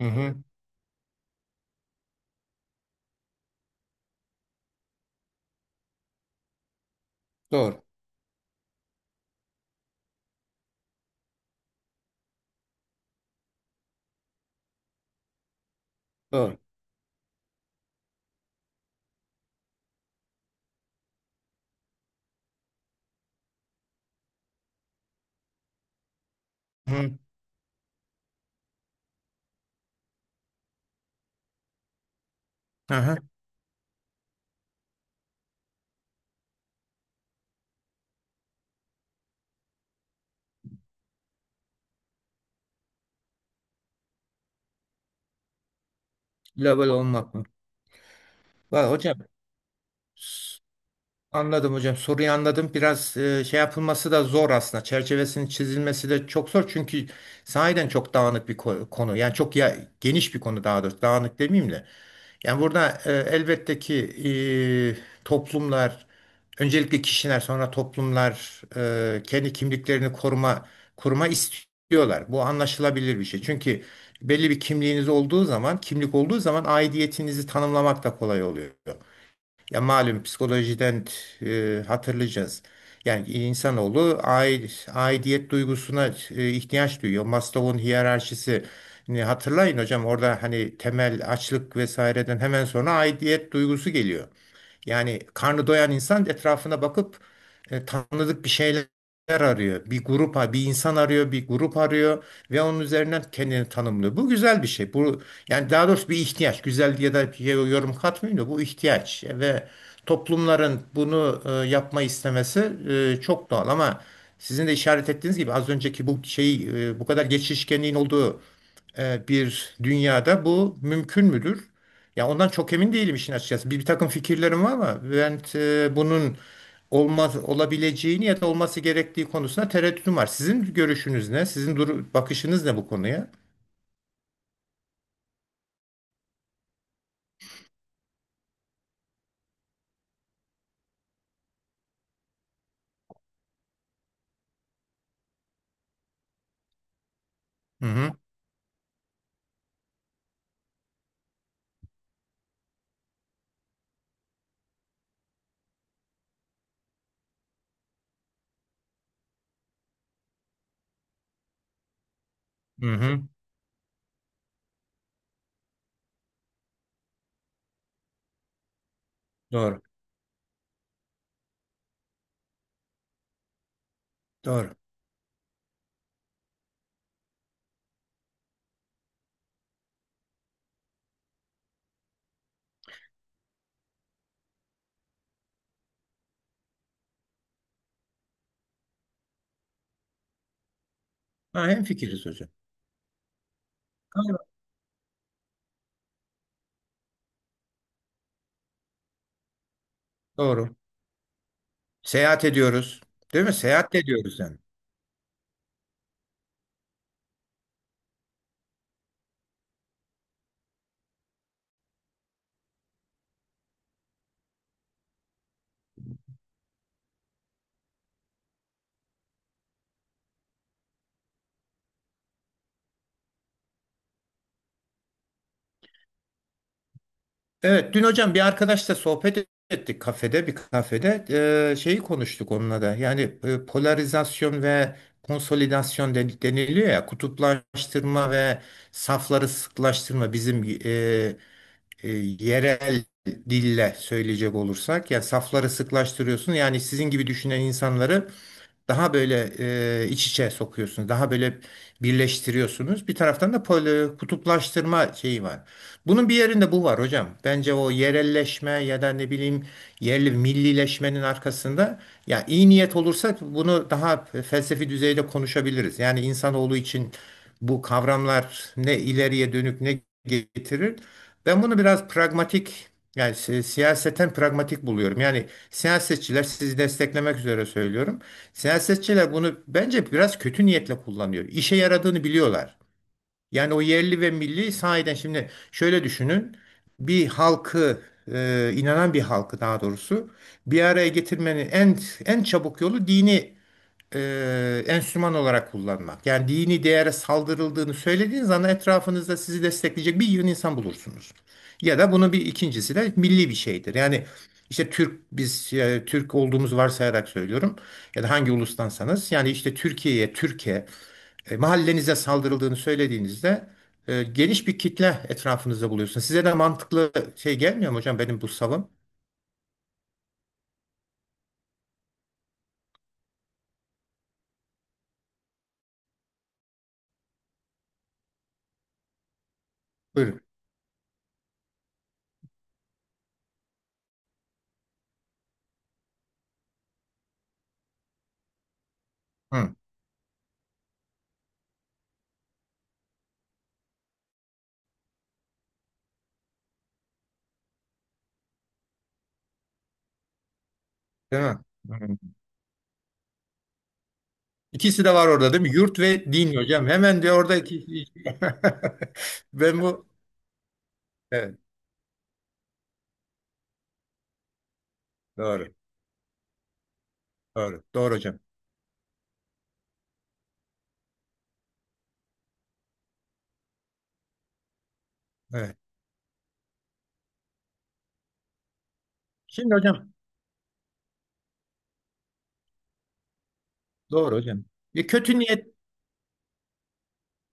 Hı hı. Doğru. Doğru. Hı hı. Aha. Level olmak mı? Var hocam. Anladım hocam. Soruyu anladım. Biraz şey yapılması da zor aslında. Çerçevesinin çizilmesi de çok zor. Çünkü sahiden çok dağınık bir konu. Yani çok ya, geniş bir konu daha doğrusu. Dağınık demeyeyim de. Yani burada elbette ki toplumlar, öncelikle kişiler, sonra toplumlar kendi kimliklerini koruma istiyorlar. Bu anlaşılabilir bir şey. Çünkü belli bir kimliğiniz olduğu zaman, kimlik olduğu zaman aidiyetinizi tanımlamak da kolay oluyor. Ya malum psikolojiden hatırlayacağız. Yani insanoğlu aidiyet duygusuna ihtiyaç duyuyor. Maslow'un hiyerarşisini hatırlayın hocam. Orada hani temel açlık vesaireden hemen sonra aidiyet duygusu geliyor. Yani karnı doyan insan etrafına bakıp tanıdık bir şeyler arıyor. Bir grup, bir insan arıyor, bir grup arıyor ve onun üzerinden kendini tanımlıyor. Bu güzel bir şey. Bu yani daha doğrusu bir ihtiyaç. Güzel diye de yorum katmıyorum da bu ihtiyaç ve toplumların bunu yapma istemesi çok doğal, ama sizin de işaret ettiğiniz gibi az önceki bu şey bu kadar geçişkenliğin olduğu bir dünyada bu mümkün müdür? Ya ondan çok emin değilim işin açıkçası. Bir takım fikirlerim var ama ben bunun olmaz olabileceğini ya da olması gerektiği konusunda tereddütüm var. Sizin görüşünüz ne? Sizin bakışınız ne bu konuya? Hı hı. Hı hı. Doğru. Doğru. Ha, hemfikiriz hocam. Aynen. Doğru. Seyahat ediyoruz. Değil mi? Seyahat de ediyoruz yani. Evet, dün hocam bir arkadaşla sohbet ettik kafede, bir kafede. Şeyi konuştuk onunla da. Yani polarizasyon ve konsolidasyon deniliyor ya, kutuplaştırma ve safları sıklaştırma bizim e, yerel dille söyleyecek olursak. Yani safları sıklaştırıyorsun. Yani sizin gibi düşünen insanları daha böyle iç içe sokuyorsunuz. Daha böyle birleştiriyorsunuz. Bir taraftan da kutuplaştırma şeyi var. Bunun bir yerinde bu var hocam. Bence o yerelleşme ya da ne bileyim yerli millileşmenin arkasında ya iyi niyet olursa bunu daha felsefi düzeyde konuşabiliriz. Yani insanoğlu için bu kavramlar ne ileriye dönük ne getirir. Ben bunu biraz pragmatik yani siyaseten pragmatik buluyorum. Yani siyasetçiler sizi desteklemek üzere söylüyorum. Siyasetçiler bunu bence biraz kötü niyetle kullanıyor. İşe yaradığını biliyorlar. Yani o yerli ve milli sahiden şimdi şöyle düşünün. Bir halkı inanan bir halkı daha doğrusu bir araya getirmenin en çabuk yolu dini enstrüman olarak kullanmak. Yani dini değere saldırıldığını söylediğiniz zaman etrafınızda sizi destekleyecek bir yığın insan bulursunuz. Ya da bunun bir ikincisi de milli bir şeydir. Yani işte Türk biz Türk olduğumuzu varsayarak söylüyorum ya da hangi ulustansanız yani işte Türkiye'ye, Türkiye mahallenize saldırıldığını söylediğinizde geniş bir kitle etrafınızda buluyorsunuz. Size de mantıklı şey gelmiyor mu hocam benim bu savım? Buyurun. Hı, değil mi? Hı. İkisi de var orada değil mi? Yurt ve din hocam. Hemen de orada iki... Ben bu, evet, doğru. Doğru. Doğru hocam. Evet. Şimdi hocam, doğru hocam. E, kötü niyet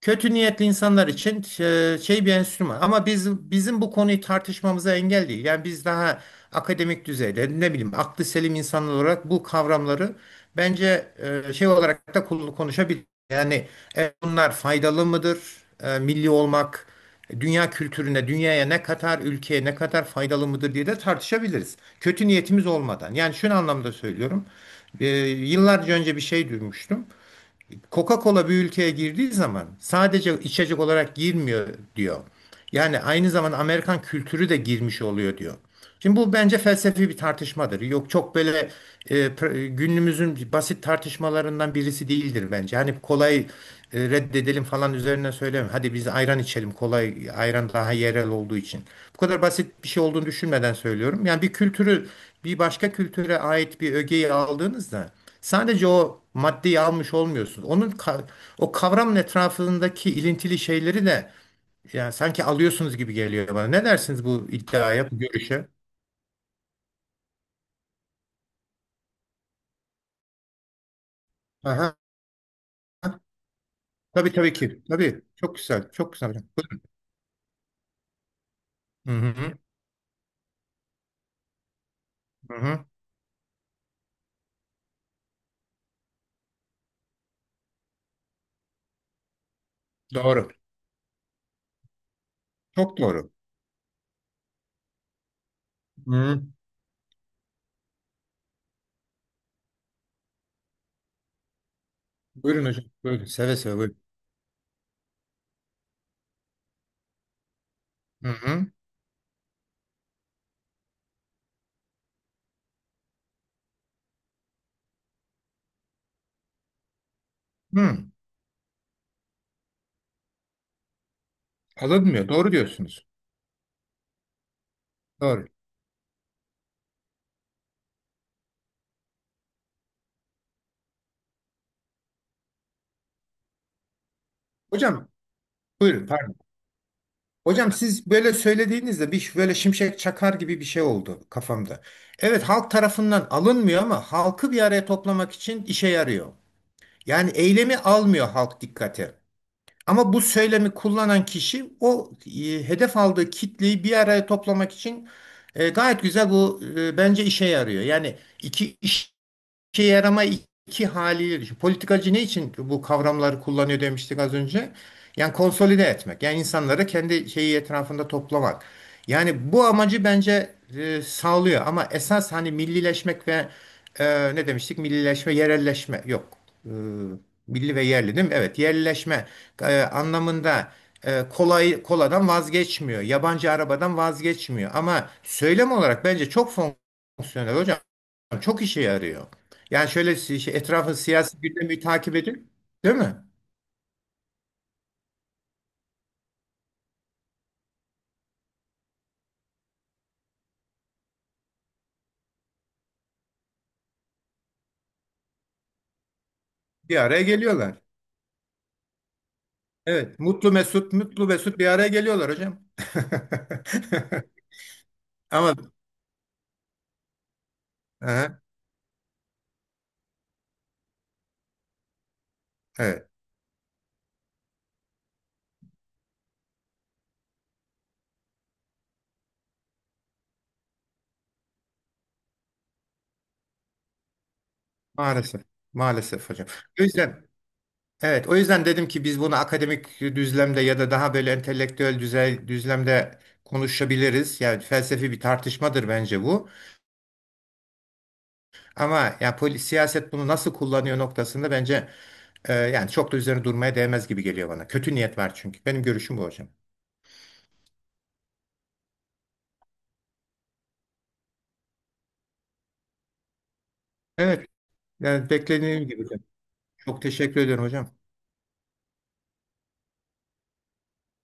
Kötü niyetli insanlar için şey, bir enstrüman. Ama bizim bu konuyu tartışmamıza engel değil. Yani biz daha akademik düzeyde ne bileyim aklı selim insanlar olarak bu kavramları bence şey olarak da konuşabiliriz. Yani bunlar faydalı mıdır? Milli olmak dünya kültürüne, dünyaya ne kadar, ülkeye ne kadar faydalı mıdır diye de tartışabiliriz. Kötü niyetimiz olmadan. Yani şunu anlamda söylüyorum. Yıllarca önce bir şey duymuştum. Coca-Cola bir ülkeye girdiği zaman sadece içecek olarak girmiyor, diyor. Yani aynı zamanda Amerikan kültürü de girmiş oluyor, diyor. Şimdi bu bence felsefi bir tartışmadır. Yok, çok böyle günümüzün basit tartışmalarından birisi değildir bence. Hani kolay reddedelim falan üzerine söylemiyorum. Hadi biz ayran içelim, kolay ayran daha yerel olduğu için. Bu kadar basit bir şey olduğunu düşünmeden söylüyorum. Yani bir kültürü, bir başka kültüre ait bir ögeyi aldığınızda sadece o maddeyi almış olmuyorsunuz. Onun o kavramın etrafındaki ilintili şeyleri de yani sanki alıyorsunuz gibi geliyor bana. Ne dersiniz bu iddiaya, bu görüşe? Aha. Tabii, tabii ki. Tabii. Çok güzel. Çok güzel hocam. Buyurun. Hı hı. Hı hı. Doğru. Çok doğru. Hı. Buyurun hocam. Buyurun. Seve seve buyurun. Hı hı. Hı. Alınmıyor. Doğru diyorsunuz. Doğru. Hocam buyurun. Pardon. Hocam siz böyle söylediğinizde bir böyle şimşek çakar gibi bir şey oldu kafamda. Evet, halk tarafından alınmıyor ama halkı bir araya toplamak için işe yarıyor. Yani eylemi almıyor halk dikkate. Ama bu söylemi kullanan kişi o hedef aldığı kitleyi bir araya toplamak için gayet güzel bu, bence işe yarıyor. Yani iki iş İşe yarama iki haliyle düşün. Politikacı ne için bu kavramları kullanıyor demiştik az önce? Yani konsolide etmek. Yani insanları kendi şeyi etrafında toplamak. Yani bu amacı bence sağlıyor. Ama esas hani millileşmek ve ne demiştik? Millileşme, yerelleşme. Yok. E, milli ve yerli değil mi? Evet. Yerelleşme anlamında kolay koladan vazgeçmiyor. Yabancı arabadan vazgeçmiyor. Ama söylem olarak bence çok fonksiyonel hocam. Çok işe yarıyor. Yani şöyle şey, etrafın siyasi gündemi takip edin, değil mi? Bir araya geliyorlar. Evet, mutlu mesut, mutlu mesut bir araya geliyorlar hocam. Ama Aha, evet, maalesef, maalesef hocam. O yüzden, evet, o yüzden dedim ki biz bunu akademik düzlemde ya da daha böyle entelektüel düzlemde konuşabiliriz. Yani felsefi bir tartışmadır bence bu. Ama ya siyaset bunu nasıl kullanıyor noktasında bence yani çok da üzerine durmaya değmez gibi geliyor bana. Kötü niyet var çünkü. Benim görüşüm bu hocam. Evet, yani beklediğim gibi, hocam. Çok teşekkür ediyorum hocam.